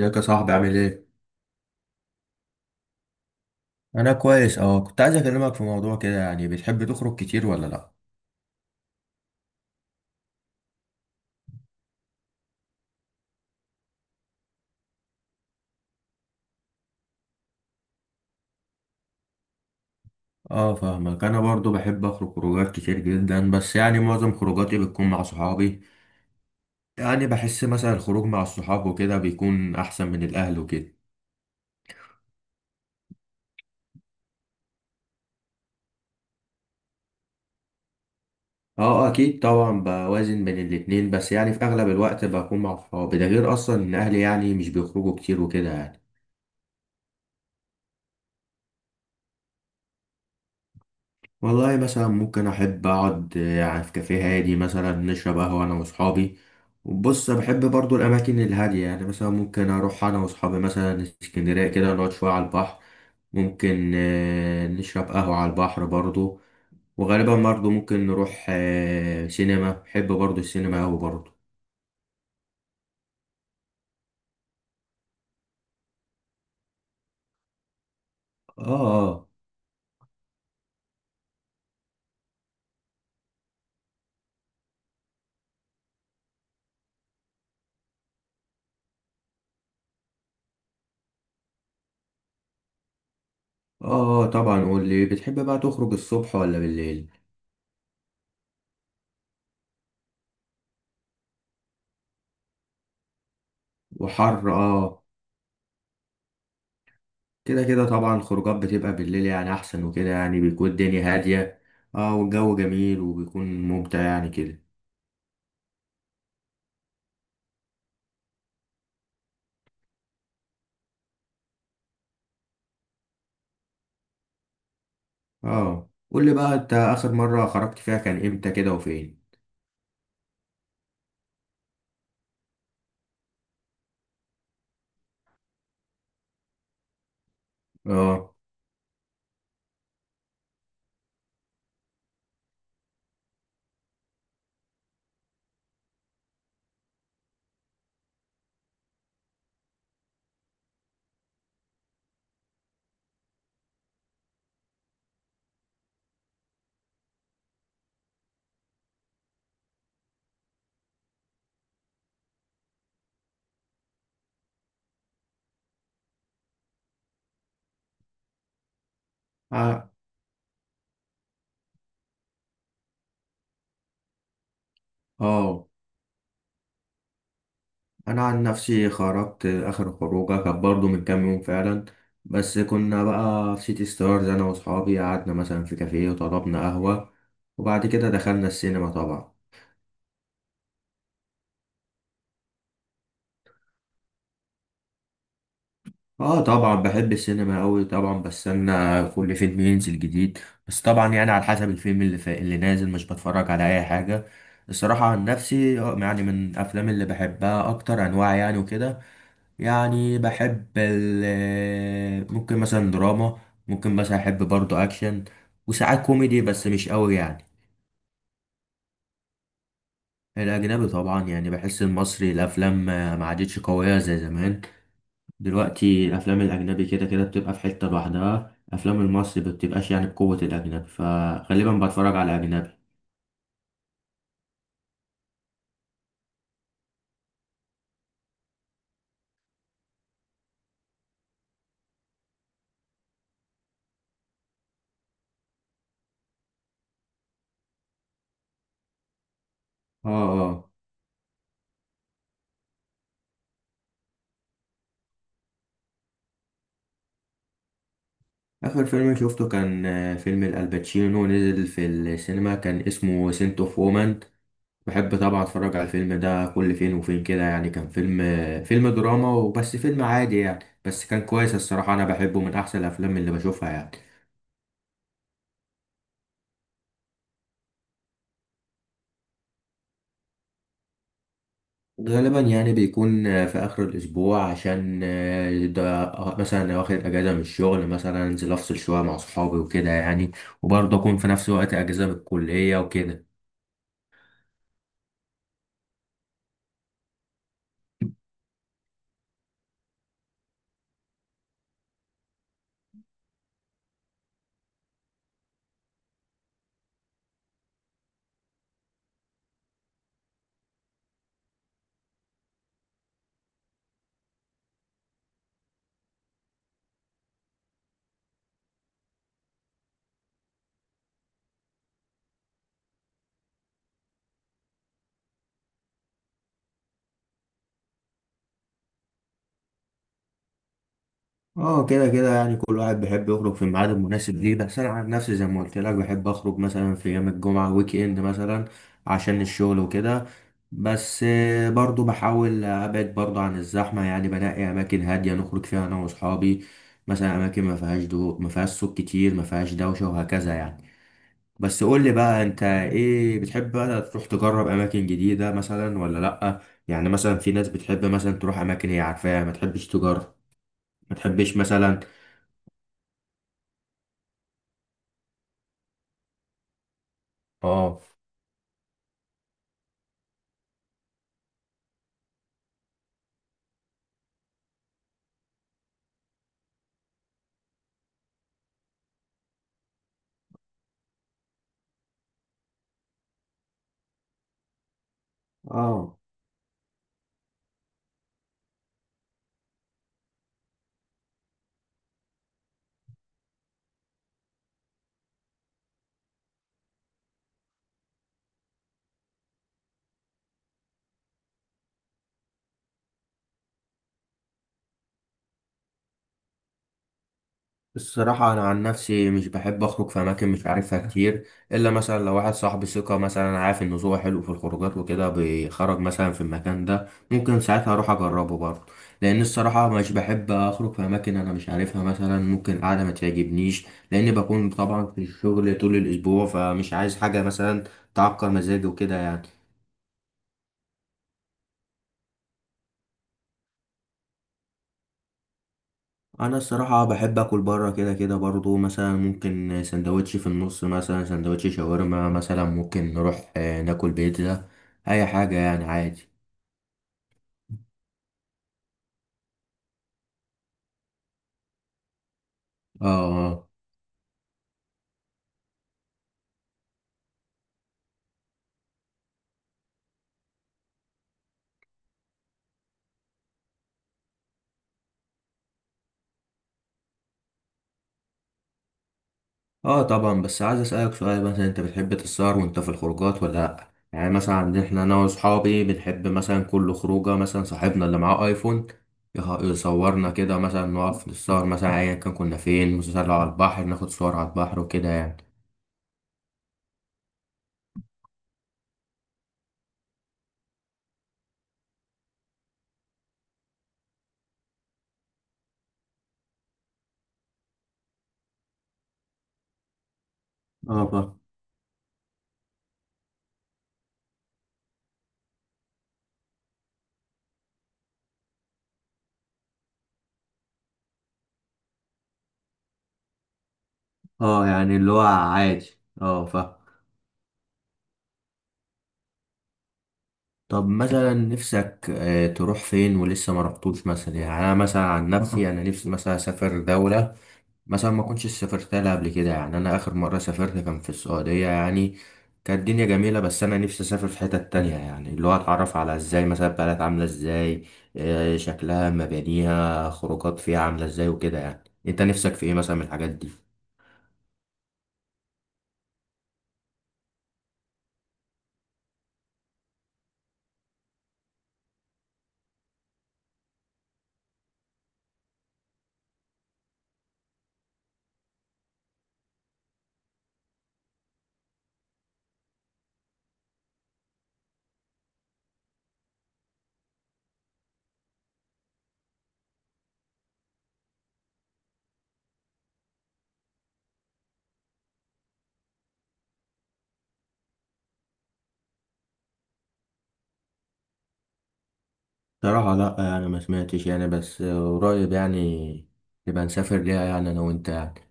ازيك يا صاحبي، عامل ايه؟ انا كويس، اه، كنت عايز اكلمك في موضوع كده. يعني بتحب تخرج كتير ولا لا؟ اه، فاهمك. انا برضو بحب اخرج خروجات كتير جدا، بس يعني معظم خروجاتي بتكون مع صحابي. يعني بحس مثلا الخروج مع الصحاب وكده بيكون احسن من الاهل وكده. اه، اكيد طبعا بوازن بين الاتنين، بس يعني في اغلب الوقت بكون مع صحابي. ده غير اصلا ان اهلي يعني مش بيخرجوا كتير وكده يعني. والله مثلا ممكن أحب أقعد في كافيه هادي، مثلا نشرب قهوة أنا وأصحابي. وبص، بحب برضو الأماكن الهادية. يعني مثلا ممكن أروح أنا وأصحابي مثلا اسكندرية كده، نقعد شوية على البحر. ممكن نشرب قهوة على البحر برضو. وغالبا برضو ممكن نروح سينما. بحب برضو السينما أوي برضو. آه، آه، آه، طبعا. قول لي، بتحب بقى تخرج الصبح ولا بالليل؟ وحر، آه. كده كده طبعا، الخروجات بتبقى بالليل يعني احسن وكده. يعني بيكون الدنيا هادية. اه، والجو جميل وبيكون ممتع يعني كده. اه، قول لي بقى، انت اخر مرة خرجت فيها كان امتى كده وفين؟ اه، اه، آه. انا عن نفسي خرجت اخر خروجه كانت برضه من كام يوم فعلا. بس كنا بقى في سيتي ستارز، انا واصحابي قعدنا مثلا في كافيه وطلبنا قهوة. وبعد كده دخلنا السينما طبعا. اه، طبعا بحب السينما قوي، طبعا بستنى كل فيلم ينزل جديد. بس طبعا يعني على حسب الفيلم اللي نازل، مش بتفرج على اي حاجه. الصراحه عن نفسي، يعني من الافلام اللي بحبها اكتر انواع يعني وكده. يعني بحب ممكن مثلا دراما. ممكن مثلا احب برضو اكشن. وساعات كوميدي بس مش قوي يعني. الاجنبي طبعا. يعني بحس المصري الافلام ما عادتش قويه زي زمان. دلوقتي الافلام الاجنبي كده كده بتبقى في حتة لوحدها، افلام المصري ما بتبقاش يعني بقوة الاجنبي، فغالبا بتفرج على اجنبي. اه، اه. اخر فيلم شفته كان فيلم الالباتشينو، نزل في السينما كان اسمه سنت اوف وومن. بحب طبعا اتفرج على الفيلم ده كل فين وفين كده يعني. كان فيلم دراما، وبس فيلم عادي يعني، بس كان كويس الصراحة. انا بحبه، من احسن الافلام اللي بشوفها يعني. غالبا يعني بيكون في آخر الأسبوع، عشان ده مثلا واخد أجازة من الشغل، مثلا أنزل أفصل شوية مع صحابي وكده يعني. وبرضه أكون في نفس الوقت أجازة من الكلية وكده. اه، كده كده يعني كل واحد بيحب يخرج في الميعاد المناسب ليه، بس انا عن نفسي زي ما قلت لك بحب اخرج مثلا في ايام الجمعه، ويك اند مثلا عشان الشغل وكده. بس برضو بحاول ابعد برضو عن الزحمه، يعني بنقي اماكن هاديه نخرج فيها انا واصحابي. مثلا اماكن ما فيهاش ما فيهاش صوت كتير، ما فيهاش دوشه وهكذا يعني. بس قول لي بقى، انت ايه بتحب بقى تروح تجرب اماكن جديده مثلا ولا لا؟ يعني مثلا في ناس بتحب مثلا تروح اماكن هي عارفاها، ما تحبش تجرب، ما تحبش مثلا. اه، اه. الصراحة أنا عن نفسي مش بحب أخرج في أماكن مش عارفها كتير، إلا مثلا لو واحد صاحبي ثقة مثلا، عارف إن ذوقه حلو في الخروجات وكده، بيخرج مثلا في المكان ده، ممكن ساعتها أروح أجربه برضه. لأن الصراحة مش بحب أخرج في أماكن أنا مش عارفها، مثلا ممكن قاعدة ما تعجبنيش. لأن بكون طبعا في الشغل طول الأسبوع، فمش عايز حاجة مثلا تعكر مزاجي وكده يعني. انا الصراحه بحب اكل بره كده كده برضو، مثلا ممكن سندوتش في النص، مثلا سندوتش شاورما، مثلا ممكن نروح ناكل بيتزا. اي حاجه يعني عادي. اه، اه، اه، طبعا. بس عايز اسالك سؤال، مثلا انت بتحب تسهر وانت في الخروجات ولا لا؟ يعني مثلا عندنا احنا انا واصحابي بنحب مثلا كل خروجه مثلا صاحبنا اللي معاه ايفون يصورنا كده، مثلا نقف نتصور مثلا، ايا كان كنا فين، مثلا لو على البحر ناخد صور على البحر وكده يعني. اه، اه، يعني اللي هو عادي. اه، طب مثلا نفسك تروح فين ولسه ما رحتوش؟ مثلا يعني انا مثلا عن نفسي انا نفسي مثلا اسافر دولة مثلا ما كنتش سافرت لها قبل كده. يعني انا اخر مرة سافرت كان في السعودية، يعني كانت الدنيا جميلة، بس انا نفسي اسافر في حتة تانية. يعني اللي هو اتعرف على ازاي مثلا بلد عاملة ازاي، شكلها، مبانيها، خروجات فيها عاملة ازاي وكده يعني. انت نفسك في ايه مثلا من الحاجات دي؟ صراحة لا، يعني ما سمعتش يعني، بس قريب يعني نبقى نسافر ليها، يعني انا وانت يعني.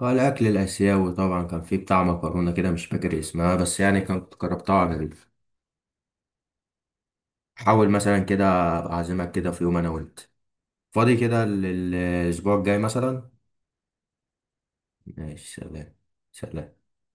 اه، الأكل الآسيوي طبعا، كان فيه بتاع مكرونة كده مش فاكر اسمها، بس يعني كنت جربتها. على، حاول مثلا كده أبقى أعزمك كده في يوم أنا وأنت فاضي كده الأسبوع الجاي مثلا. ماشي، سلام. سلام.